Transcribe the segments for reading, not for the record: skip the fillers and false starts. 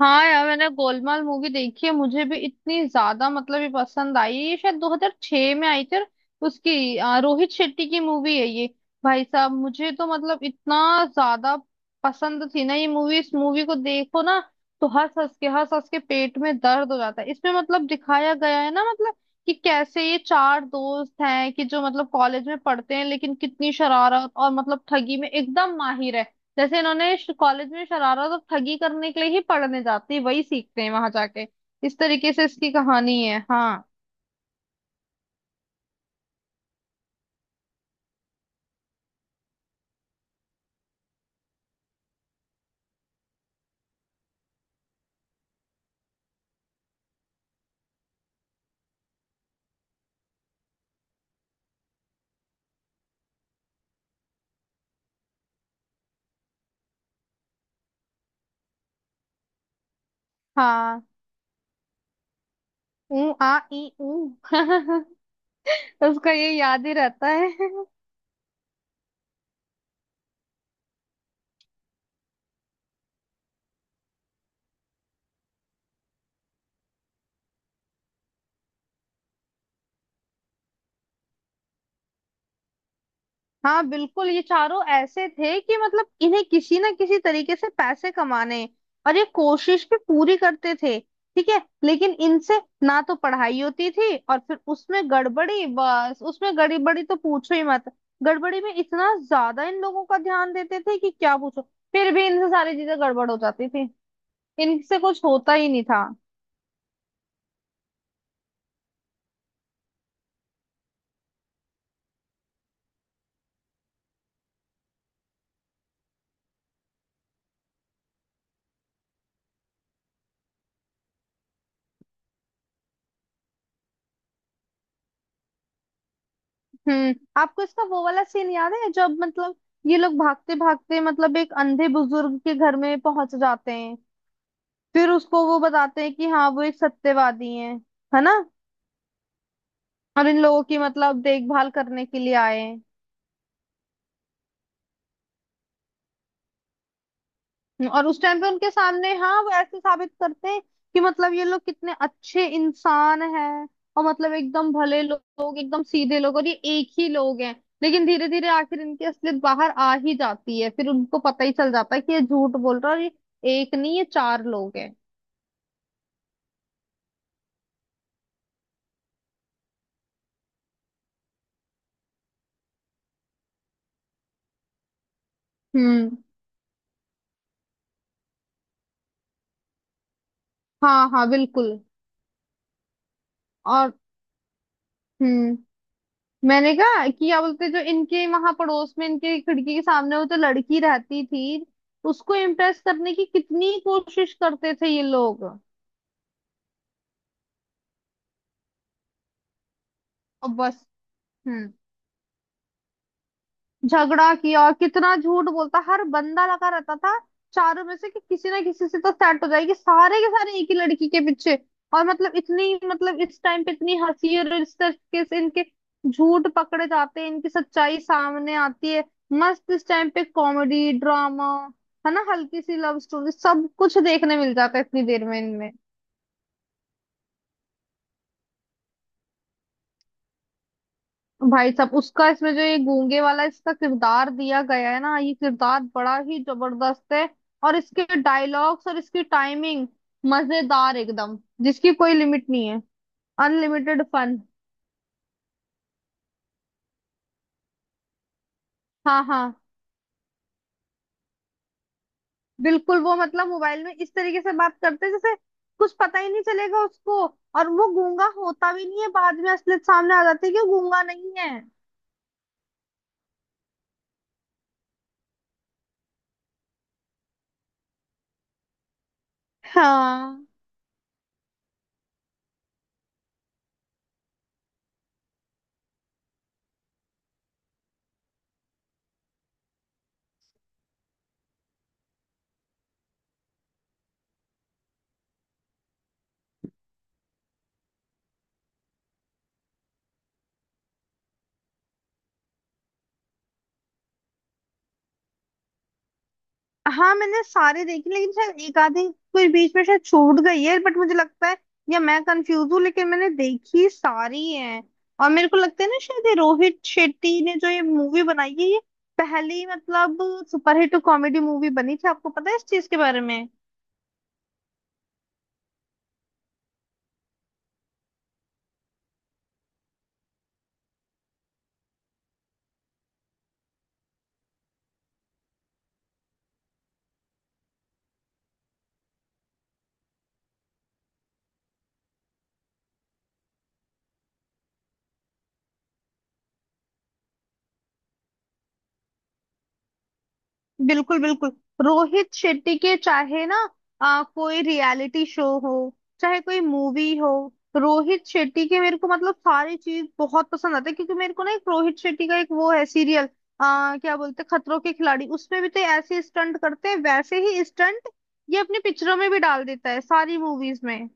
हाँ यार, मैंने गोलमाल मूवी देखी है। मुझे भी इतनी ज्यादा मतलब ये पसंद आई है। ये शायद 2006 में आई थी। और उसकी रोहित शेट्टी की मूवी है ये। भाई साहब, मुझे तो मतलब इतना ज्यादा पसंद थी ना ये मूवी। इस मूवी को देखो ना तो हंस हंस के पेट में दर्द हो जाता है। इसमें मतलब दिखाया गया है ना, मतलब कि कैसे ये चार दोस्त हैं कि जो मतलब कॉलेज में पढ़ते हैं, लेकिन कितनी शरारत और मतलब ठगी में एकदम माहिर है। जैसे इन्होंने कॉलेज में शरारत और ठगी करने के लिए ही पढ़ने जाते हैं, वही सीखते हैं वहां जाके। इस तरीके से इसकी कहानी है। हाँ। हाँ। ऊ। आ। ई। ऊ। उसका ये याद ही रहता है। हाँ बिल्कुल, ये चारों ऐसे थे कि मतलब इन्हें किसी ना किसी तरीके से पैसे कमाने हैं। और ये कोशिश भी पूरी करते थे। ठीक है, लेकिन इनसे ना तो पढ़ाई होती थी, और फिर उसमें गड़बड़ी, बस उसमें गड़बड़ी तो पूछो ही मत। गड़बड़ी में इतना ज्यादा इन लोगों का ध्यान देते थे कि क्या पूछो। फिर भी इनसे सारी चीजें गड़बड़ हो जाती थी। इनसे कुछ होता ही नहीं था। हम्म। आपको इसका वो वाला सीन याद है जब मतलब ये लोग भागते भागते मतलब एक अंधे बुजुर्ग के घर में पहुंच जाते हैं? फिर उसको वो बताते हैं कि हाँ वो एक सत्यवादी हैं, है ना। और इन लोगों की मतलब देखभाल करने के लिए आए हैं। और उस टाइम पे उनके सामने हाँ वो ऐसे साबित करते हैं कि मतलब ये लोग कितने अच्छे इंसान हैं, और मतलब एकदम भले लोग, एकदम सीधे लोग, और ये एक ही लोग हैं। लेकिन धीरे धीरे आखिर इनकी असलियत बाहर आ ही जाती है। फिर उनको पता ही चल जाता है कि ये झूठ बोल रहा है, और ये एक नहीं, ये चार लोग हैं। हम्म। हाँ हाँ बिल्कुल। और हम्म। मैंने कहा कि क्या बोलते, जो इनके वहां पड़ोस में इनके खिड़की के सामने वो तो लड़की रहती थी, उसको इम्प्रेस करने की कितनी कोशिश करते थे ये लोग। और बस। हम्म। झगड़ा किया, कितना झूठ बोलता, हर बंदा लगा रहता था चारों में से कि किसी ना किसी से तो सेट हो जाएगी, सारे के सारे एक ही लड़की के पीछे। और मतलब इतनी, मतलब इस टाइम पे इतनी हंसी, और इस तरीके से इनके झूठ पकड़े जाते हैं, इनकी सच्चाई सामने आती है। मस्त, इस टाइम पे कॉमेडी ड्रामा, है ना, हल्की सी लव स्टोरी, सब कुछ देखने मिल जाता है इतनी देर में इनमें। भाई साहब, उसका इसमें जो ये गूंगे वाला इसका किरदार दिया गया है ना, ये किरदार बड़ा ही जबरदस्त है। और इसके डायलॉग्स और इसकी टाइमिंग मजेदार एकदम, जिसकी कोई लिमिट नहीं है। Unlimited fun. हाँ हाँ बिल्कुल। वो मतलब मोबाइल में इस तरीके से बात करते हैं जैसे कुछ पता ही नहीं चलेगा उसको, और वो गूंगा होता भी नहीं है, बाद में असलियत सामने आ जाती है कि वो गूंगा नहीं है। हाँ। हाँ मैंने सारे देखे, लेकिन शायद एक आधी कोई बीच में शायद छूट गई है, बट मुझे लगता है, या मैं कंफ्यूज हूँ, लेकिन मैंने देखी सारी है। और मेरे को लगता है ना, शायद ये रोहित शेट्टी ने जो ये मूवी बनाई है, ये पहली मतलब सुपरहिट कॉमेडी मूवी बनी थी। आपको पता है इस चीज के बारे में? बिल्कुल बिल्कुल। रोहित शेट्टी के, चाहे ना कोई रियलिटी शो हो, चाहे कोई मूवी हो, रोहित शेट्टी के मेरे को मतलब सारी चीज बहुत पसंद आती है। क्योंकि मेरे को ना, एक रोहित शेट्टी का एक वो है सीरियल, क्या बोलते हैं, खतरों के खिलाड़ी, उसमें भी तो ऐसे स्टंट करते हैं, वैसे ही स्टंट ये अपनी पिक्चरों में भी डाल देता है, सारी मूवीज में।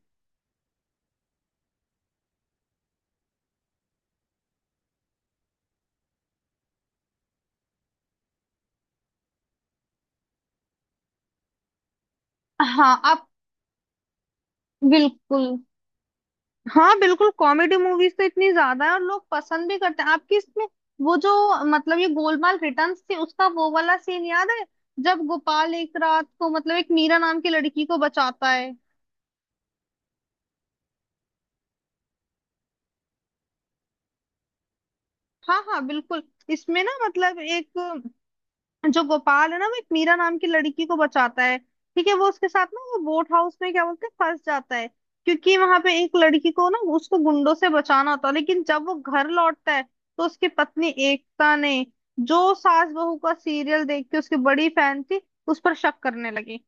हाँ आप, बिल्कुल। हाँ बिल्कुल, कॉमेडी मूवीज तो इतनी ज्यादा है और लोग पसंद भी करते हैं आपकी इसमें। वो जो मतलब ये गोलमाल रिटर्न्स थी, उसका वो वाला सीन याद है जब गोपाल एक रात को मतलब एक मीरा नाम की लड़की को बचाता है? हाँ हाँ बिल्कुल। इसमें ना मतलब एक, जो गोपाल है ना, वो एक मीरा नाम की लड़की को बचाता है। ठीक है, वो उसके साथ ना वो बोट हाउस में क्या बोलते हैं फंस जाता है, क्योंकि वहां पे एक लड़की को ना उसको गुंडों से बचाना होता है। लेकिन जब वो घर लौटता है, तो उसकी पत्नी एकता ने, जो सास बहू का सीरियल देख के उसकी बड़ी फैन थी, उस पर शक करने लगी।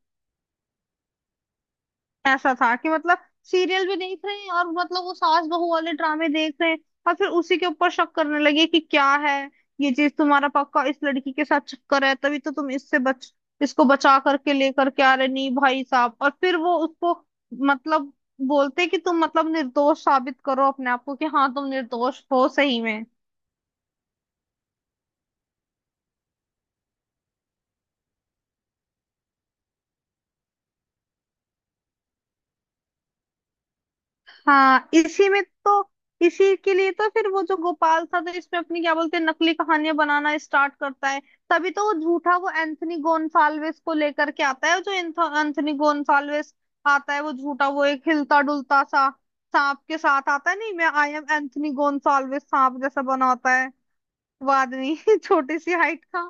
ऐसा था कि मतलब सीरियल भी देख रहे हैं, और मतलब वो सास बहू वाले ड्रामे देख रहे हैं, और फिर उसी के ऊपर शक करने लगे कि क्या है ये चीज, तुम्हारा पक्का इस लड़की के साथ चक्कर है, तभी तो तुम इससे बच, इसको बचा करके लेकर के आ रहे। नहीं भाई साहब। और फिर वो उसको मतलब बोलते कि तुम मतलब निर्दोष साबित करो अपने आप को कि हाँ तुम निर्दोष हो सही में। हाँ। इसी में तो, इसी के लिए तो फिर वो जो गोपाल था, तो इसमें अपनी क्या बोलते हैं, नकली कहानियां बनाना स्टार्ट करता है। तभी तो वो झूठा, वो एंथनी गोन्साल्विस को लेकर के आता है, जो एंथनी गोन्साल्विस आता है, वो झूठा, वो एक हिलता डुलता सा सांप के साथ आता है, नहीं मैं आई एम एंथनी गोन्साल्विस, सांप जैसा बना होता है वो आदमी। छोटी सी हाइट का।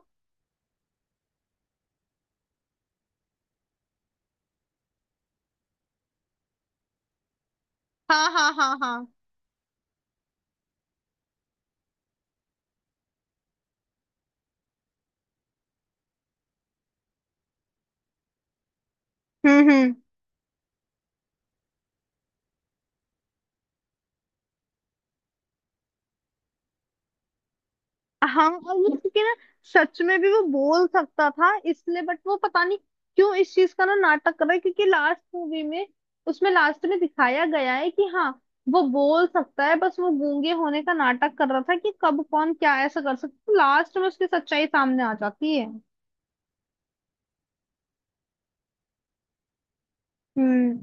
हाँ हाँ हाँ हाँ। हम्म। हाँ और वो, क्योंकि ना सच में भी वो बोल सकता था इसलिए, बट वो पता नहीं क्यों इस चीज का ना नाटक कर रहा है, क्योंकि लास्ट मूवी में, उसमें लास्ट में दिखाया गया है कि हाँ वो बोल सकता है, बस वो गूंगे होने का नाटक कर रहा था, कि कब कौन क्या ऐसा कर सकता, लास्ट में उसकी सच्चाई सामने आ जाती है। हम्म।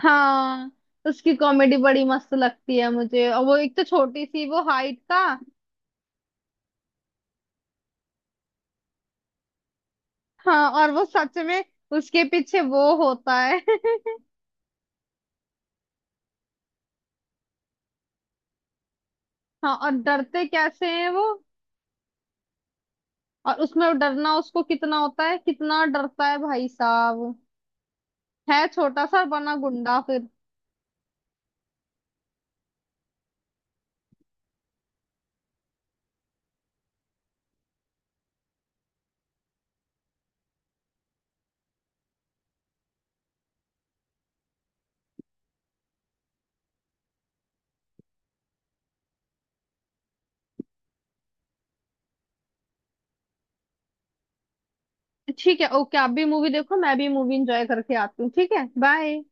हाँ उसकी कॉमेडी बड़ी मस्त लगती है मुझे, और वो एक तो छोटी सी वो हाइट का। हाँ, और वो सच में उसके पीछे वो होता है। हाँ, और डरते कैसे हैं वो, और उसमें डरना उसको कितना होता है, कितना डरता है भाई साहब, है छोटा सा बना गुंडा फिर। ठीक है, ओके, आप भी मूवी देखो, मैं भी मूवी एंजॉय करके आती हूँ। ठीक है, बाय।